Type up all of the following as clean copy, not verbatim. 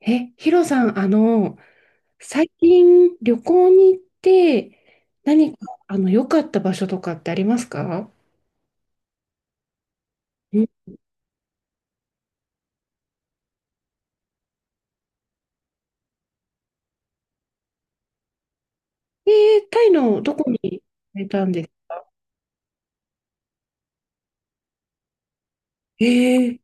ヒロさん、最近旅行に行って、何か、良かった場所とかってありますか？うん。えー、タイのどこに行かれたんですか？えー、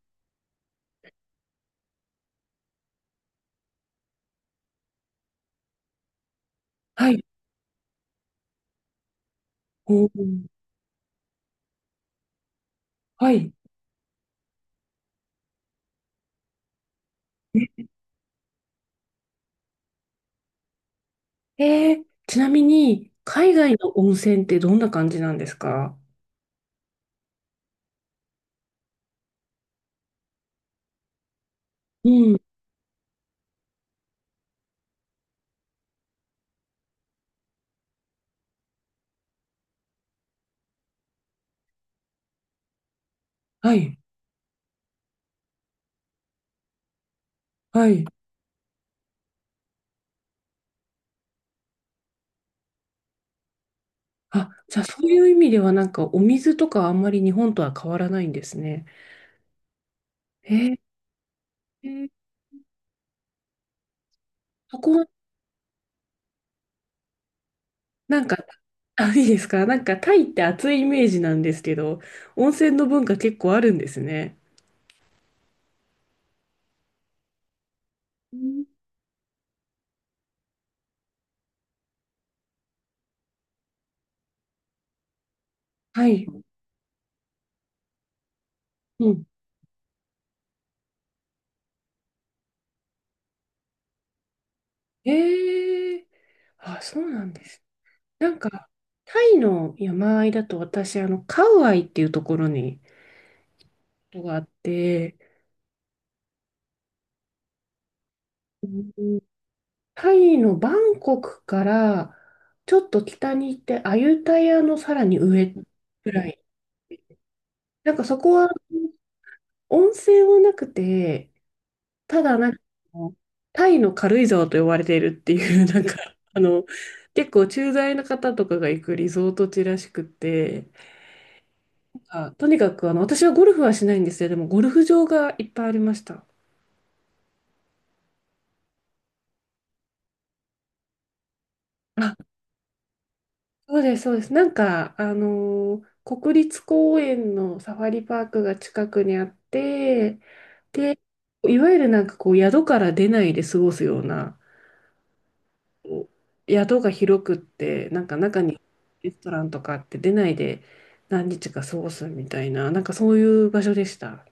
はい。おー、はい。えー、ちなみに、海外の温泉ってどんな感じなんですか？うん、はい、はい。あ、じゃあそういう意味ではなんかお水とかあんまり日本とは変わらないんですね。えー、えー、そこなんか、あ、いいですか？なんかタイって暑いイメージなんですけど、温泉の文化結構あるんですね。うん。はい。うん。ええ。あ、そうなんです。なんか、タイの山あいだと私、カウアイっていうところに、ことがあって、うん。タイのバンコクからちょっと北に行って、アユタヤのさらに上ぐらい。なんかそこは温泉はなくて、ただ、なんか、タイの軽井沢と呼ばれているっていう、なんか、あの、結構駐在の方とかが行くリゾート地らしくて、あ、とにかく、私はゴルフはしないんですよ。でも、ゴルフ場がいっぱいありました。あ、そうです、そうです。なんか、国立公園のサファリパークが近くにあって、で、いわゆるなんかこう、宿から出ないで過ごすような、宿が広くって、なんか中にレストランとかって出ないで何日か過ごすみたいな、なんかそういう場所でした。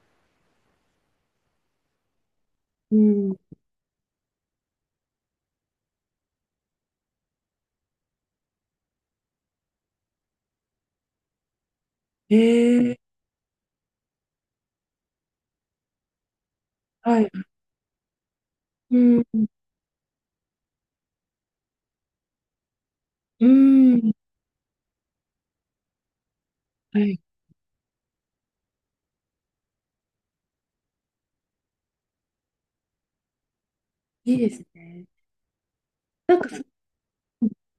うん。ええ。はい。うん。うん。はい。いいですね。なんか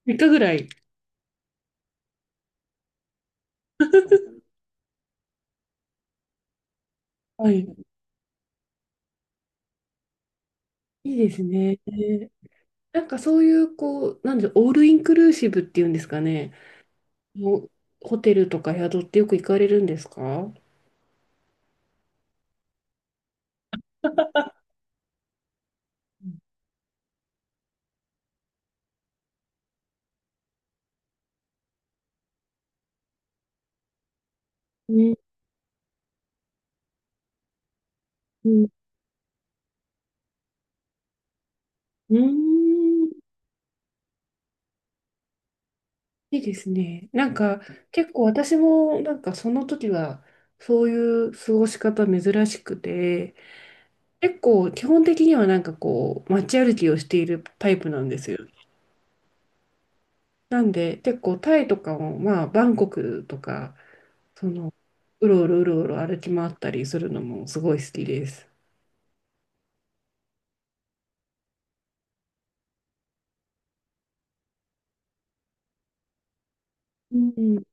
3日ぐらい。はい。いいですね。なんかそういう、こう、なんで、オールインクルーシブっていうんですかね。もうホテルとか宿ってよく行かれるんですか？うん。うん。うん。いいですね。なんか結構私もなんかその時はそういう過ごし方珍しくて、結構基本的にはなんかこう街歩きをしているタイプなんですよ。なんで結構タイとかもまあバンコクとか、そのうろうろうろうろ歩き回ったりするのもすごい好きです。うん、うん、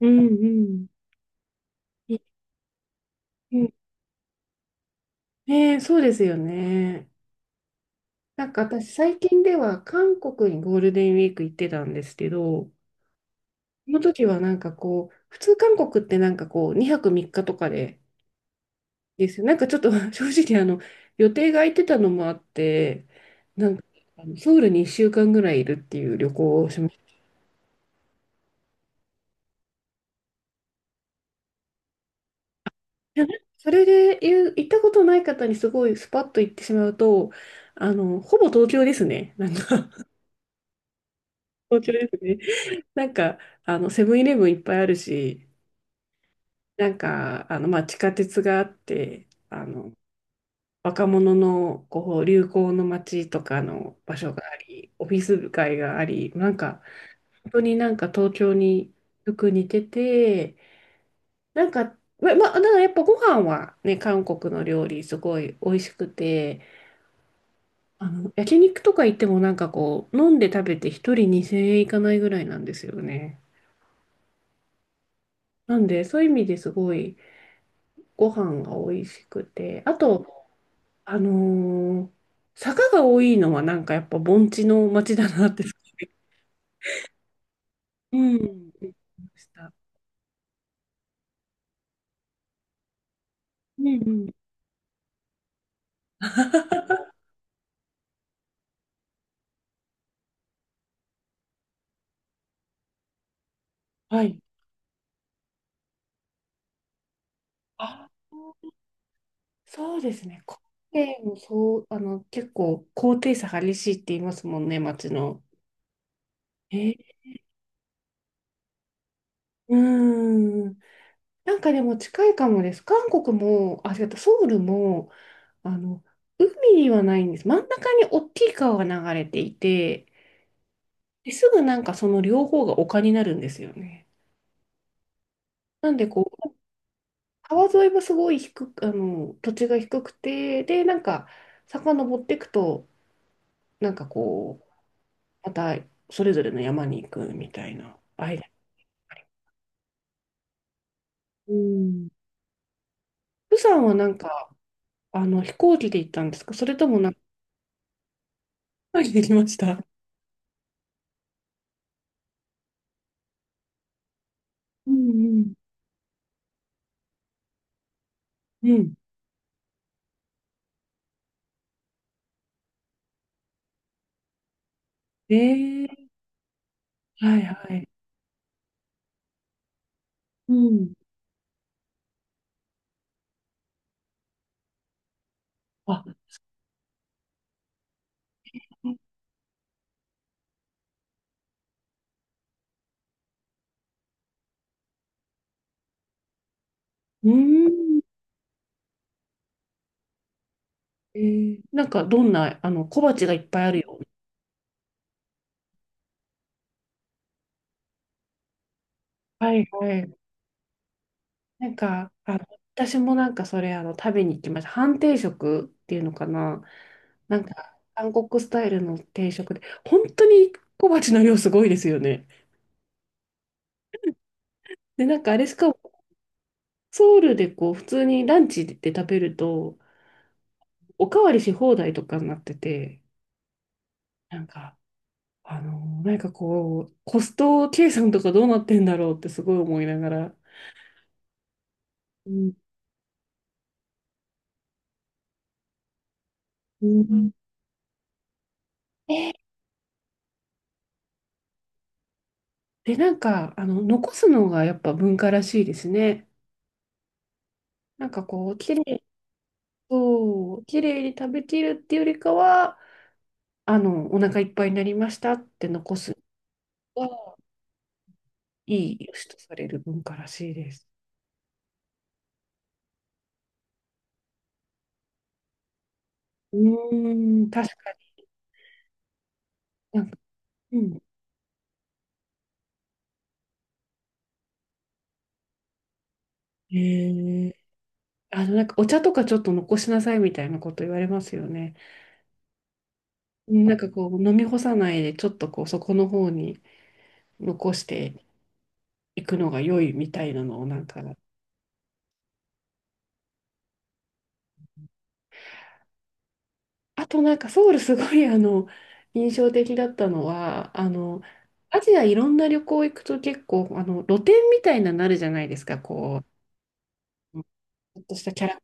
うん。い。うん。ねえ、そうですよね。なんか私最近では韓国にゴールデンウィーク行ってたんですけど、その時はなんかこう、普通韓国ってなんかこう、2泊3日とかでですよ。なんかちょっと 正直予定が空いてたのもあって、なんかソウルに1週間ぐらいいるっていう旅行をしました。いや、なんかそれで言う行ったことない方にすごいスパッと行ってしまうと、ほぼ東京ですね。なんか 東京ですね。なんか、セブンイレブンいっぱいあるし、なんか、まあ、地下鉄があって、若者のこう流行の街とかの場所があり、オフィス街があり、なんか本当になんか東京によく似てて、なんか、だからやっぱご飯はね、韓国の料理すごい美味しくて、焼肉とか行ってもなんかこう、飲んで食べて一人2000円いかないぐらいなんですよね。なんで、そういう意味ですごいご飯が美味しくて、あと、あのー坂が多いのはなんかやっぱ盆地の街だなって。うん。うん。ました。うん。うん。はい。あ、そうですね。コペンもそう、結構高低差激しいって言いますもんね、街の。え、うーん。なんかでも近いかもです。韓国も、あ、違った、ソウルも、あの、海にはないんです。真ん中に大きい川が流れていて、ですぐなんかその両方が丘になるんですよね。なんでこう川沿いもすごい低く、土地が低くて、で、なんか、遡っていくと、なんかこう、またそれぞれの山に行くみたいな間にあり。うん。釜山はなんか、飛行機で行ったんですか？それともなんか、飛行機で行きました。うん。うん。うん。ええ。はいはい。うん。うん。あ、うーん。えー、なんか、どんな、小鉢がいっぱいあるよ。はいはい。なんか、私もなんかそれ、食べに行きました。半定食っていうのかな。なんか、韓国スタイルの定食で、本当に小鉢の量すごいですよね。で、なんかあれしかも、ソウルでこう、普通にランチで食べると、おかわりし放題とかになってて、なんか、なんかこう、コスト計算とかどうなってんだろうってすごい思いながら。うん。うん。で、なんか、残すのがやっぱ文化らしいですね。なんかこう、綺麗そう、綺麗に食べきるっていうよりかは、お腹いっぱいになりましたって残すのがいい良しとされる文化らしいです。うーん、確かに。なんか、うん。へえ。なんかお茶とかちょっと残しなさいみたいなこと言われますよね。なんかこう、飲み干さないで、ちょっとこう、そこの方に残していくのが良いみたいなのを、なんか、あとなんかソウルすごい印象的だったのは、アジアいろんな旅行行くと、結構露店みたいなのなるじゃないですか。こうちょっとしたキャラ、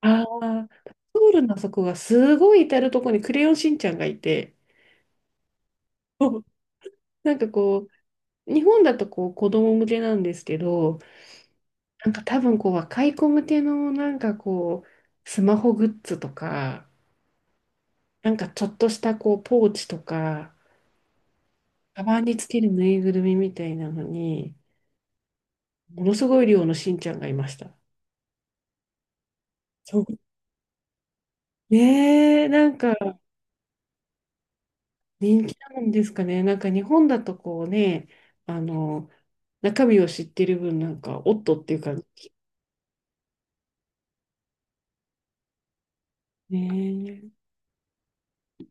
ああ、ソウルのあそこがすごい至るとろに「クレヨンしんちゃん」がいて、そう なんかこう、日本だとこう子供向けなんですけど、なんか多分こう若い子向けの、なんかこうスマホグッズとか、なんかちょっとしたこうポーチとか、カバンにつけるぬいぐるみみたいなのに、ものすごい量のしんちゃんがいました。そう。ねえ、なんか人気なんですかね。なんか日本だとこうね、あの、中身を知ってる分、なんか、おっとっていう感じ。ね